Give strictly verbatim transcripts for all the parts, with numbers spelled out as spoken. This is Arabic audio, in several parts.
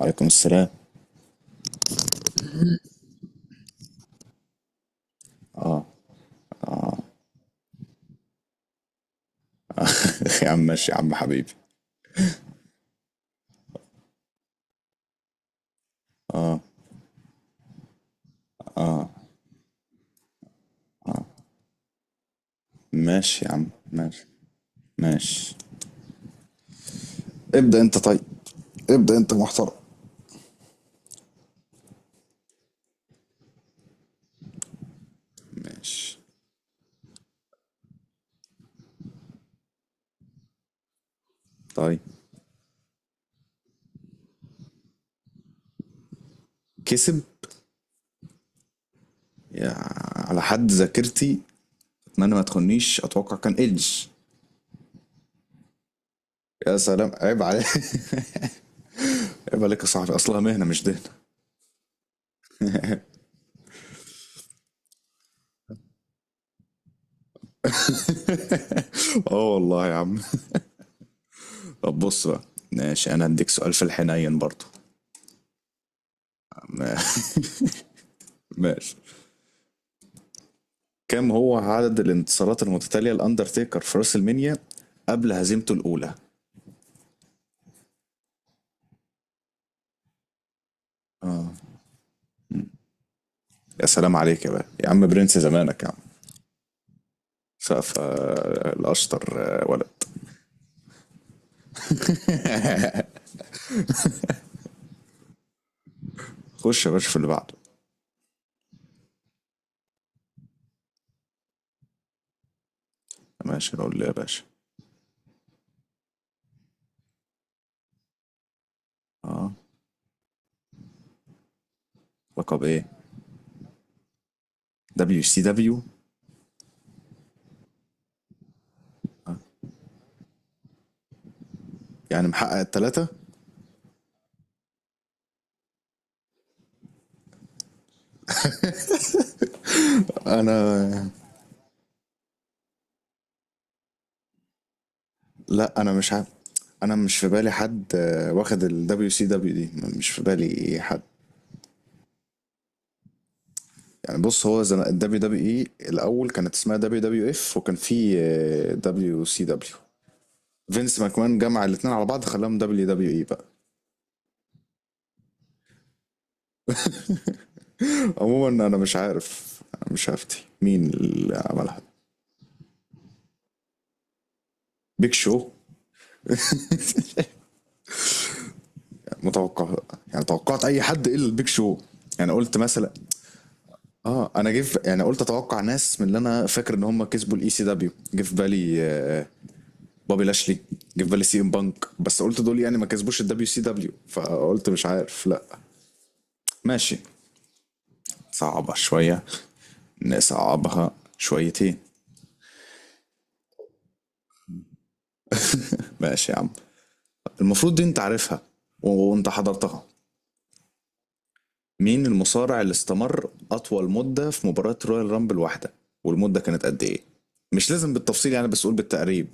وعليكم السلام. يا عم ماشي، يا عم حبيبي. ماشي يا عم، ماشي. ماشي. ابدأ انت طيب. ابدأ انت محترم. ماشي. طيب. كسب. يا، على حد ذاكرتي اتمنى ما تخنيش، اتوقع كان ايدج. يا سلام، عيب عليك. عيب عليك يا صاحبي، اصلها مهنه مش دهنه. اه والله يا عم. طب بص بقى، ماشي. انا هديك سؤال في الحنين برضه. ما- ماشي. كم هو عدد الانتصارات المتتاليه لاندرتيكر في راس المنيا قبل هزيمته الاولى؟ يا سلام عليك يا بقى، يا عم برنس زمانك يا عم. سقف آه، الاشطر. آه، ولد. خش يا باشا في اللي بعده. ماشي، اقول له يا باشا. اه. لقب ايه؟ دبليو سي دبليو. يعني محقق التلاتة. انا، لا انا مش عارف. انا مش في بالي حد آه، واخد الدبليو سي دبليو دي. مش في بالي حد. يعني بص، هو الدبليو دبليو اي الاول كانت اسمها دبليو دبليو اف، وكان في دبليو سي دبليو. فينس ماكمان جمع الاثنين على بعض، خلاهم دبليو دبليو اي بقى. عموما انا مش عارف، مش هفتي مين اللي عملها. بيك شو. متوقع. يعني توقعت اي حد الا البيك شو. يعني قلت مثلا، اه انا جه في- يعني قلت اتوقع ناس من اللي انا فاكر ان هم كسبوا الاي سي دبليو. جه في بالي آه، بابي لاشلي. جه في بالي سي ام بانك، بس قلت دول يعني ما كسبوش الدبليو سي دبليو، فقلت مش عارف لا. ماشي. صعبة شوية، نصعبها شويتين. ماشي يا عم، المفروض دي انت عارفها. و- وانت حضرتها. مين المصارع اللي استمر أطول مدة في مباراة رويال رامبل واحدة، والمدة كانت قد إيه؟ مش لازم بالتفصيل يعني، بس قول بالتقريب.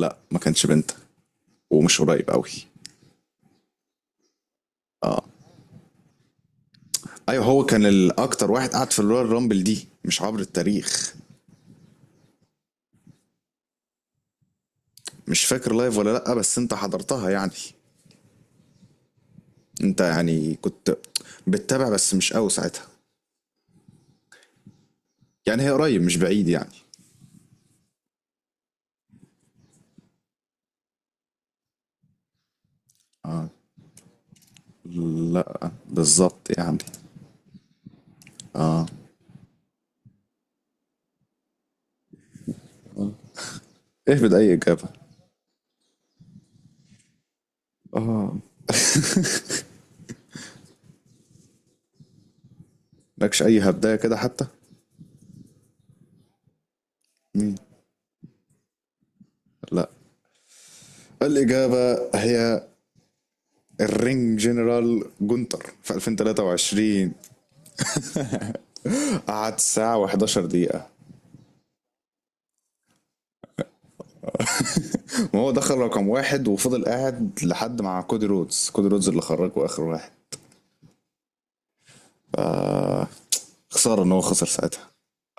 لا ما كانش بنت، ومش قريب قوي. ايوه، هو كان الاكتر واحد قعد في الرويال رامبل دي، مش عبر التاريخ. مش فاكر لايف ولا لا، بس انت حضرتها يعني. انت يعني كنت بتتابع بس مش قوي ساعتها. يعني هي قريب مش بعيد يعني. لا بالظبط يعني. اهبد اي اجابه، مالكش اي هبدايه كده حتى؟ لا. الإجابة هي الرينج جنرال جونتر في ألفين وثلاثة وعشرين. قعد ساعة و11 دقيقة، وهو دخل رقم واحد وفضل قاعد لحد مع كودي رودز. كودي رودز اللي خرجه آخر واحد. آه. خسارة إن هو خسر ساعتها.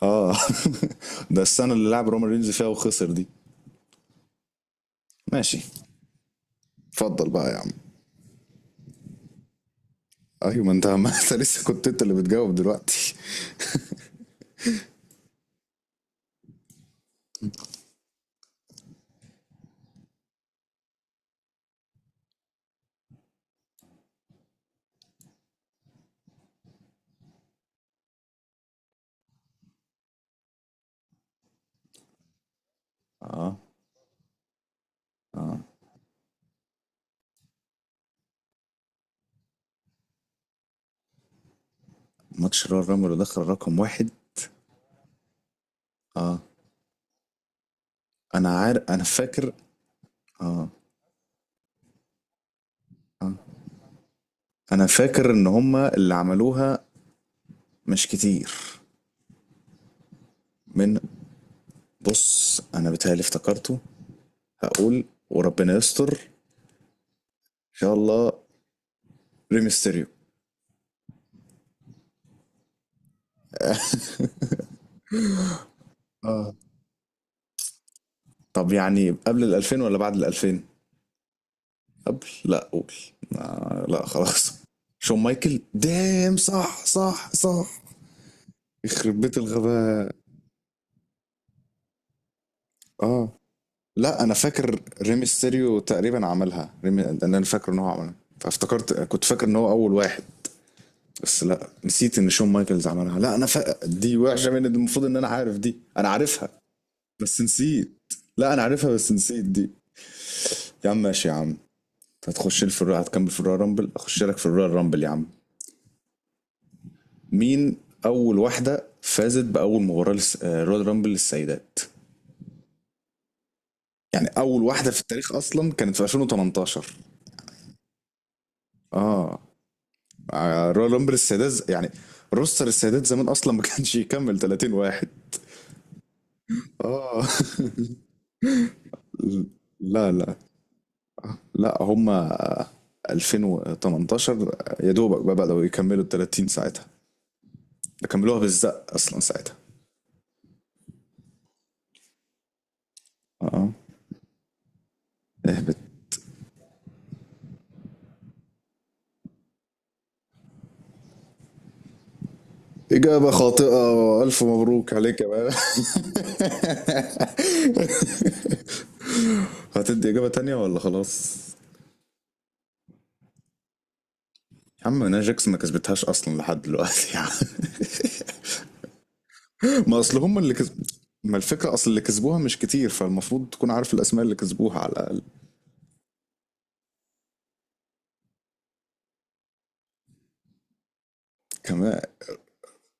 آه. ده السنة اللي لعب رومان رينز فيها وخسر دي. ماشي. اتفضل بقى يا عم. أيوة ما أنت، ما أنت لسه كنت أنت اللي بتجاوب دلوقتي. آه. آه. ماتش رامر دخل رقم واحد. آه. أنا عارف، أنا فاكر. آه. آه. انا فاكر ان هما اللي عملوها. مش كتير. من. بص انا بيتهيألي افتكرته. هقول وربنا يستر. ان شاء الله، ريمستيريو. اه. طب يعني قبل ال ألفين ولا بعد ال ألفين؟ قبل، لا قول. آه لا خلاص، شون مايكل دام. صح صح صح. يخرب بيت الغباء. اه لا، انا فاكر ريمستيريو تقريبا عملها. ريمي... انا فاكر ان هو عملها، فافتكرت، كنت فاكر ان هو اول واحد. بس لا، نسيت ان شون مايكلز عملها. لا انا فاق، دي وحشه، من المفروض ان انا عارف دي، انا عارفها بس نسيت. لا انا عارفها بس نسيت دي. يا عم ماشي يا عم. هتخش لي في الرويال، هتكمل في الرويال رامبل، اخش لك في الرويال رامبل يا عم. مين اول واحده فازت باول مباراه للس- آه، رويال رامبل للسيدات؟ يعني اول واحده في التاريخ اصلا كانت في ألفين وثمنتاشر. اه. آه، رويال رامبل السيدات، ز- يعني روستر السيدات زمان اصلا ما كانش يكمل ثلاثين واحد. اه. لا لا لا، هما ألفين وثمنتاشر يا دوبك بقى بدأوا يكملوا ال ثلاثين ساعتها. ده كملوها بالزق اصلا ساعتها. اه. اهبط. إجابة خاطئة، وألف مبروك عليك يا بابا. هتدي إجابة تانية ولا خلاص؟ يا عم ناجكس ما كسبتهاش أصلا لحد دلوقتي يا عم. ما أصل هم اللي كسب، ما الفكرة أصل اللي كسبوها مش كتير، فالمفروض تكون عارف الأسماء اللي كسبوها على الأقل. كمان.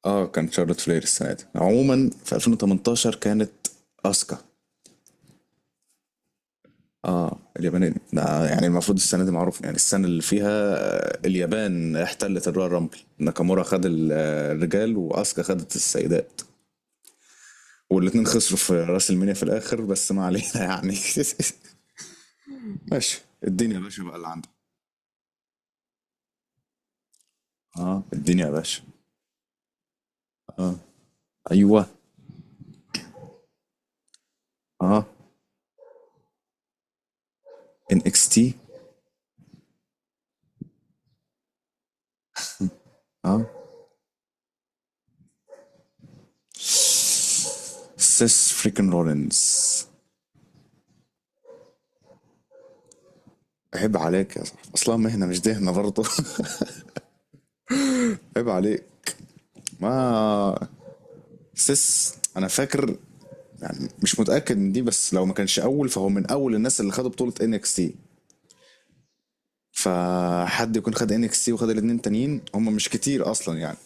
اه، كان شارلوت فلير السنة دي. عموما في ألفين وثمنتاشر كانت أسكا. اه، اليابانية ده. يعني المفروض السنة دي معروف، يعني السنة اللي فيها آه، اليابان احتلت الرويال رامبل. ناكامورا خد ال- آه، الرجال، وأسكا خدت السيدات. والاتنين خسروا في راس المينيا في الآخر بس ما علينا يعني. ماشي. الدنيا يا باشا بقى اللي عندك. اه الدنيا يا باشا. اه. ايوه. اه. ان اكس تي. اه. سيس فريكن رولينز. عيب عليك يا صاحبي، اصلا مهنه مش دهنه برضه. عيب عليك. ما سيس، انا فاكر، يعني مش متاكد من دي بس لو ما كانش اول فهو من اول الناس اللي خدوا بطوله ان اكس تي. فحد يكون خد ان اكس تي وخد الاتنين تانيين هم مش كتير اصلا يعني.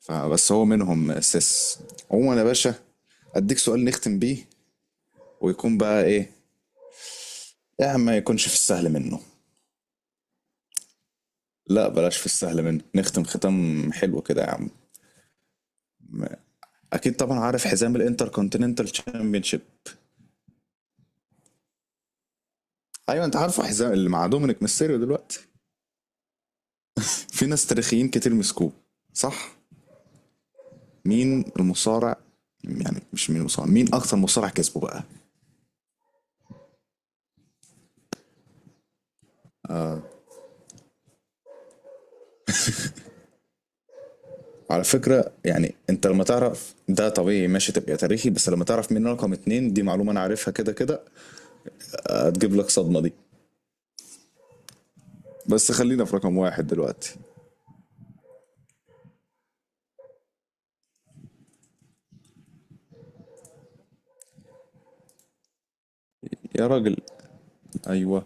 فبس هو منهم سيس. عموما يا باشا، اديك سؤال نختم بيه، ويكون بقى ايه. إيه يا عم، ما يكونش في السهل منه. لا بلاش في السهل منه، نختم ختام حلو كده يا عم. اكيد طبعا عارف حزام الانتر كونتيننتال تشامبيونشيب. ايوه انت عارفه، حزام اللي مع دومينيك ميستيريو دلوقتي. في ناس تاريخيين كتير مسكوه، صح؟ مين المصارع، يعني مش مين المصارع، مين اكتر مصارع كسبه بقى؟ على فكرة يعني انت لما تعرف ده طبيعي ماشي تبقى تاريخي، بس لما تعرف مين رقم اتنين دي معلومة انا عارفها كده كده، هتجيب لك صدمة دي. بس خلينا في رقم واحد دلوقتي. يا راجل. ايوه.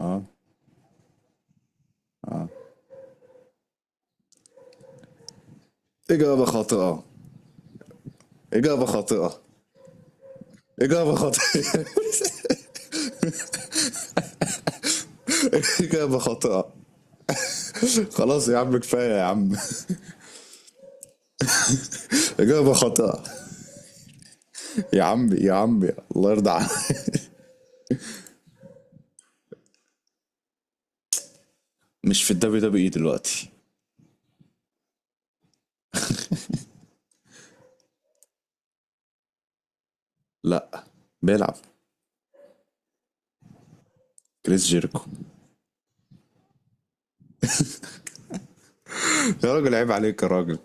اه، اجابة خاطئة. اجابة خاطئة. إجابة خاطئة. إجابة خاطئة. خلاص يا عم، كفاية يا عم. إجابة خاطئة. يا عمي يا عمي، الله يرضى عليك. مش في الدبليو دبليو اي دلوقتي. لا، بيلعب. كريس جيركو. يا راجل عيب عليك يا راجل.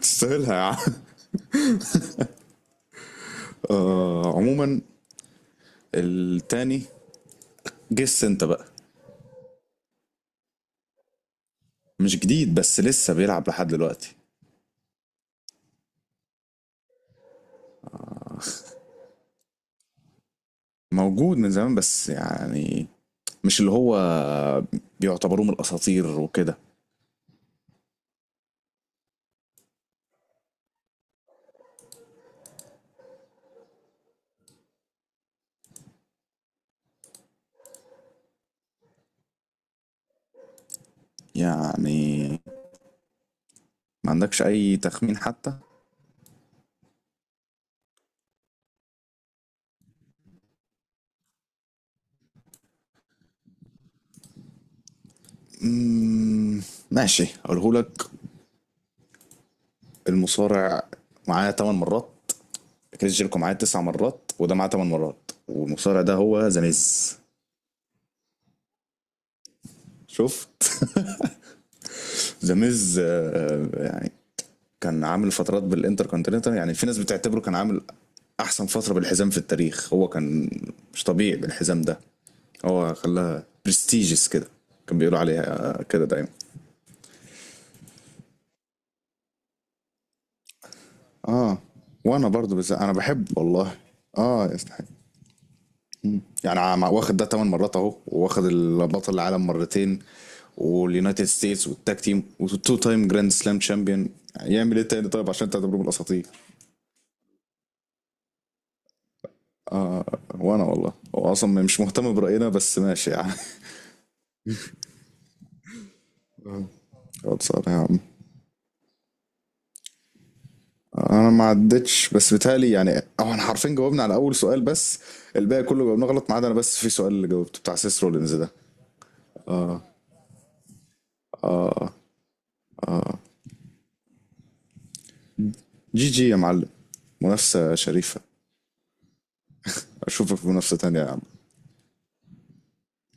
تستاهلها يا عم. آه، عموما. التاني. جس انت بقى. مش جديد، بس لسه بيلعب لحد دلوقتي. موجود من زمان بس يعني، مش اللي هو بيعتبروه من الاساطير وكده. يعني ما عندكش اي تخمين حتى؟ مم، ماشي اقوله لك. المصارع معاه 8 مرات. كريس جيركو معاه تسع مرات وده معاه ثمان مرات، والمصارع ده هو ذا ميز. شفت؟ ذا ميز آه، يعني كان عامل فترات بالانتر كونتيننتال، يعني في ناس بتعتبره كان عامل احسن فتره بالحزام في التاريخ، هو كان مش طبيعي بالحزام ده، هو خلاها برستيجس كده، كان بيقولوا عليها كده دايما. اه، وانا برضو، بس انا بحب والله. اه يستحق يعني. عم- واخد ده 8 مرات اهو، واخد البطل العالم مرتين واليونايتد ستيتس والتاج تيم، وتو تايم جراند سلام تشامبيون. يعمل ايه تاني طيب عشان تعتبره من الاساطير؟ وانا والله، هو اصلا مش مهتم براينا بس ماشي يعني. اقعد صار يا عم. انا ما عدتش، بس بيتهيألي يعني. أو احنا حرفيا جاوبنا على اول سؤال بس، الباقي كله جاوبناه غلط ما عدا انا بس في سؤال اللي جاوبته بتاع سيس رولينز ده. جي جي يا معلم. منافسه شريفه. اشوفك في منافسه تانيه يا عم.